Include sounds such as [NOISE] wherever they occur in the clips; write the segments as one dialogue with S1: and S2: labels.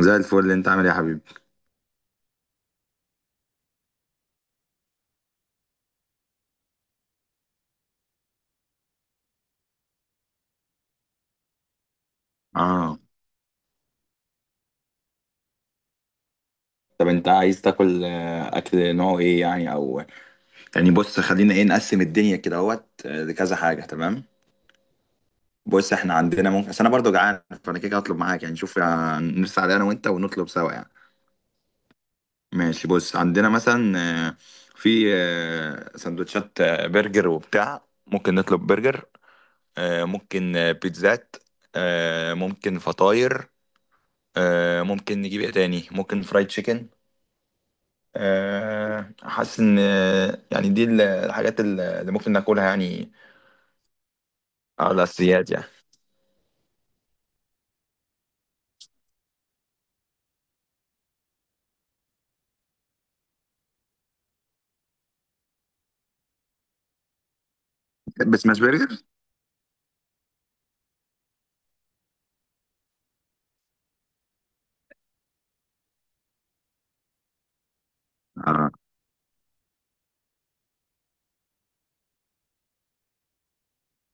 S1: زي الفل، انت عامل ايه يا حبيبي؟ اه. طب انت عايز تاكل اكل نوعه ايه يعني، او يعني بص خلينا ايه نقسم الدنيا كده اهوت لكذا حاجه. تمام. بص احنا عندنا ممكن، بس انا برضو جعان فانا كده كده هطلب معاك يعني. شوف نرسل على انا وانت ونطلب سوا يعني. ماشي. بص عندنا مثلا آه، في سندوتشات برجر وبتاع، ممكن نطلب برجر، ممكن بيتزات، ممكن فطاير، ممكن نجيب ايه تاني، ممكن فرايد تشيكن. حاسس ان يعني دي الحاجات اللي ممكن ناكلها يعني. على الاساسيات يعني. بس سماش برجر. اه،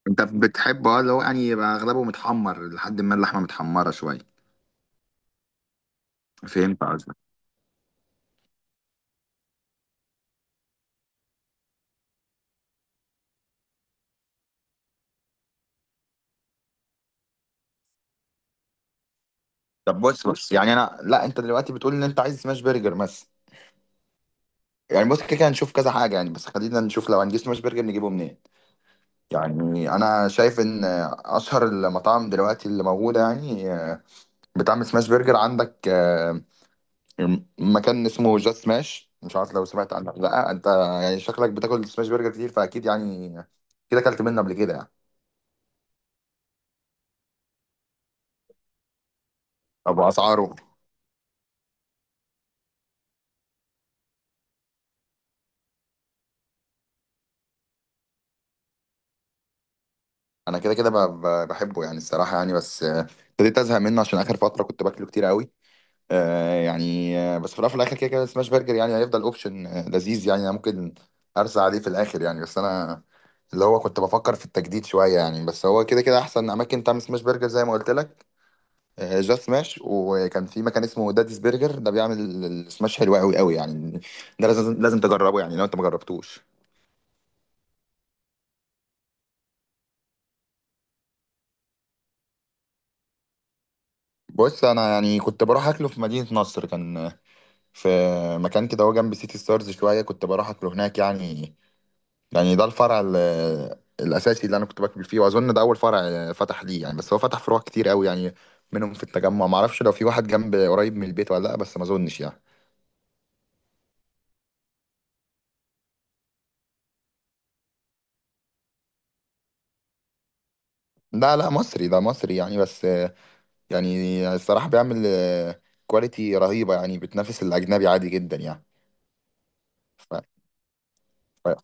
S1: انت بتحبه اه اللي هو يعني يبقى اغلبه متحمر لحد ما اللحمه متحمره شويه. فهمت قصدك. طب بص يعني انا، لا، انت دلوقتي بتقول ان انت عايز سماش برجر بس. يعني بص كده كده هنشوف كذا حاجه يعني، بس خلينا نشوف لو هنجيب سماش برجر نجيبه منين. يعني انا شايف ان اشهر المطاعم دلوقتي اللي موجوده يعني بتعمل سماش برجر، عندك مكان اسمه جاست سماش. مش عارف لو سمعت عنه ولا لا انت. يعني شكلك بتاكل سماش برجر كتير، فاكيد يعني كده اكلت منه قبل كده يعني. طب اسعاره؟ انا كده كده بحبه يعني الصراحه يعني. بس ابتديت ازهق منه عشان اخر فتره كنت باكله كتير قوي. يعني بس في الاول وفي الاخر كده كده سماش برجر يعني هيفضل اوبشن لذيذ يعني. أنا ممكن ارسى عليه في الاخر يعني. بس انا اللي هو كنت بفكر في التجديد شويه يعني، بس هو كده كده احسن اماكن تعمل سماش برجر زي ما قلت لك جاست سماش. وكان في مكان اسمه داديز برجر، ده بيعمل السماش حلو قوي قوي يعني. ده لازم تجربه يعني لو انت ما جربتوش. بص انا يعني كنت بروح اكله في مدينة نصر. كان في مكان كده هو جنب سيتي ستارز شوية، كنت بروح اكله هناك يعني. يعني ده الفرع الاساسي اللي انا كنت باكل فيه، واظن ده اول فرع فتح ليه يعني. بس هو فتح فروع كتير قوي يعني منهم في التجمع. معرفش لو في واحد جنب قريب من البيت ولا لا، بس ما اظنش يعني. لا لا، مصري، ده مصري يعني. بس يعني الصراحة بيعمل كواليتي رهيبة يعني، بتنافس الأجنبي عادي جدا يعني. ف... ف...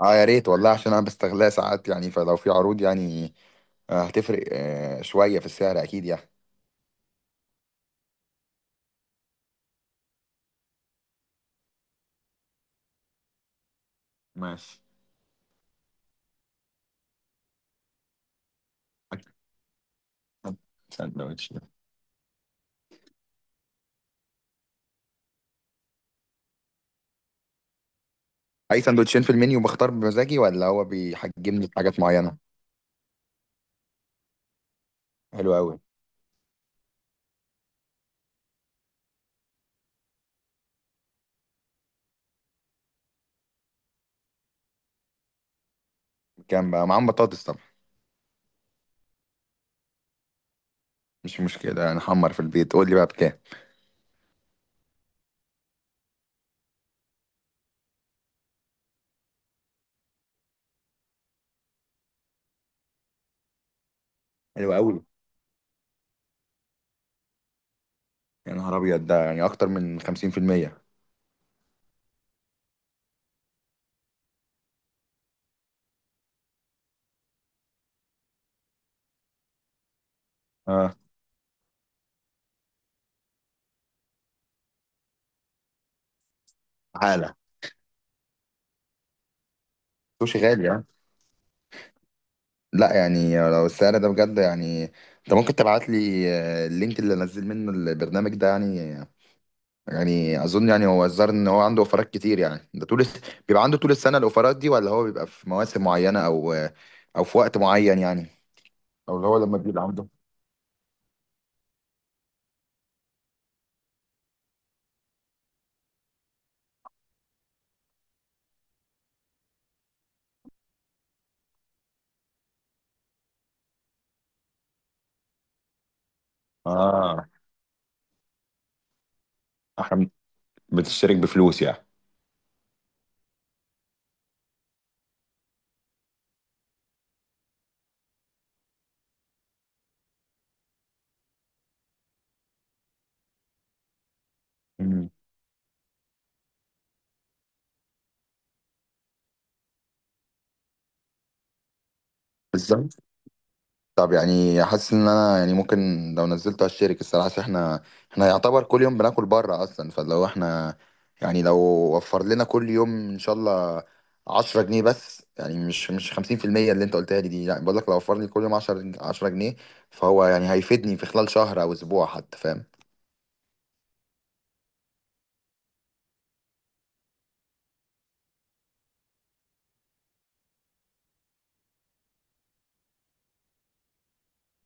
S1: اه يا ريت والله، عشان أنا بستغلها ساعات يعني، فلو في عروض يعني هتفرق شوية في السعر أكيد يعني. ماشي. سندوتش ده. أي سندوتشين في المنيو، بختار بمزاجي ولا هو بيحجمني في حاجات معينة؟ حلو أوي. كام بقى؟ معاهم بطاطس طبعا؟ مش مشكلة، نحمر في البيت. قول لي بقى بكام. حلو أوي. يا نهار أبيض! ده يعني أكتر من 50%. اه. تعالى. سوشي غالي يعني. لا يعني لو السعر ده بجد يعني، انت ممكن تبعت لي اللينك اللي انزل منه البرنامج ده يعني. يعني اظن يعني هو الظاهر ان هو عنده اوفرات كتير يعني، ده طول بيبقى عنده طول السنة الاوفرات دي، ولا هو بيبقى في مواسم معينة او او في وقت معين يعني، او اللي هو لما بيبقى عنده. اه. احنا بتشترك بفلوس يعني؟ مم. بالظبط. طب يعني حاسس ان انا يعني ممكن لو نزلته هشترك الصراحه، عشان احنا احنا يعتبر كل يوم بناكل بره اصلا. فلو احنا يعني لو وفر لنا كل يوم ان شاء الله 10 جنيه بس، يعني مش مش 50% اللي انت قلتها لي دي. يعني بقول لك لو وفر لي كل يوم 10 جنيه، فهو يعني هيفيدني في خلال شهر او اسبوع حتى، فاهم؟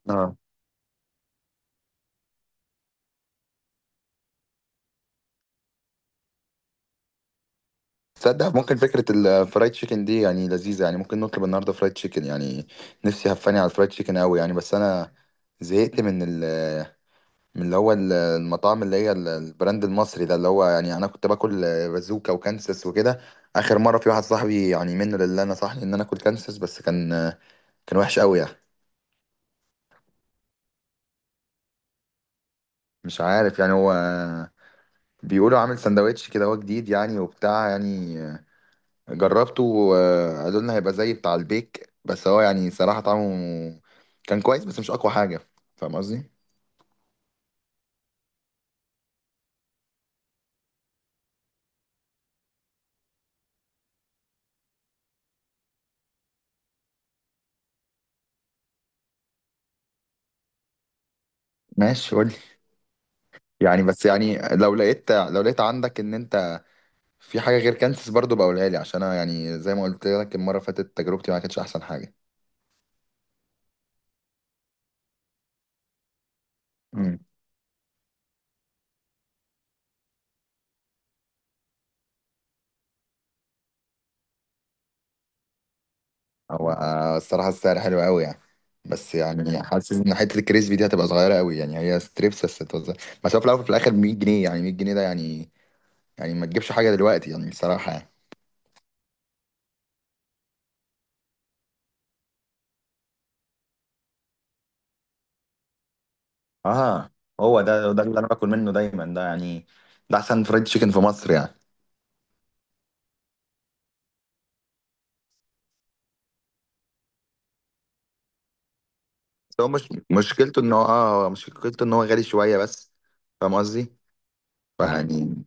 S1: اه. تصدق، ممكن فكرة الفرايد تشيكن دي يعني لذيذة يعني، ممكن نطلب النهاردة فرايد تشيكن يعني. نفسي هفاني على الفرايد تشيكن قوي يعني. بس أنا زهقت من ال من اللي هو المطاعم اللي هي البراند المصري ده. اللي هو يعني انا كنت باكل بازوكا وكانسس وكده. اخر مره في واحد صاحبي يعني منه لله نصحني ان انا اكل كانسس، بس كان كان وحش قوي يعني. مش عارف يعني، هو بيقولوا عامل سندوتش كده، هو جديد يعني وبتاع يعني. جربته وقالوا لنا هيبقى زي بتاع البيك، بس هو يعني صراحه طعمه كان كويس بس مش اقوى حاجه. فاهم قصدي؟ ماشي، قول. يعني بس يعني لو لقيت، لو لقيت عندك ان انت في حاجة غير كانسس برضو بقولها لي، عشان أنا يعني زي ما قلت لك المرة اللي فاتت تجربتي ما كانتش أحسن حاجة. امم. هو الصراحة السعر حلو قوي يعني. بس يعني [LAUGHS] حاسس إن حتة الكريسبي دي هتبقى صغيرة قوي يعني. هي ستريبس بس هتوزع. بس هو في الأول وفي الآخر 100 جنيه، يعني 100 جنيه ده يعني يعني ما تجيبش حاجة دلوقتي يعني الصراحة يعني. اه. هو ده ده اللي انا باكل منه دايما ده يعني، ده أحسن فرايد تشيكن في مصر يعني. بس هو مش مشكلته إن هو آه، هو مشكلته إن هو غالي شوية بس، فاهم قصدي؟ مم. فيعني.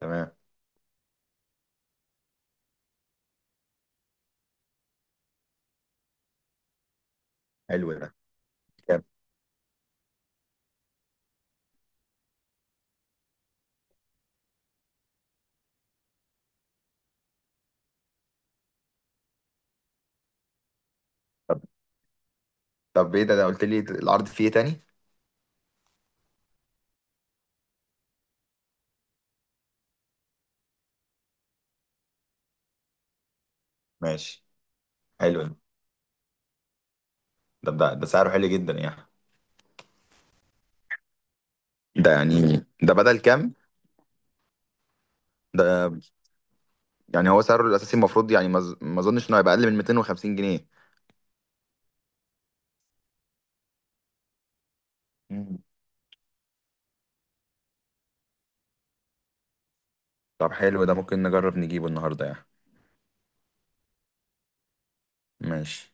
S1: تمام. حلو ده. جامد. طب ايه ده؟ ده قلت لي العرض فيه ايه تاني؟ ماشي. حلو ده. ده ده ده سعره حلو جدا يعني. ده يعني ده بدل كام؟ ده يعني هو سعره الاساسي المفروض يعني ما اظنش انه هيبقى اقل من 250 جنيه. مم. طب حلو ده. ممكن نجرب نجيبه النهارده يعني. ماشي.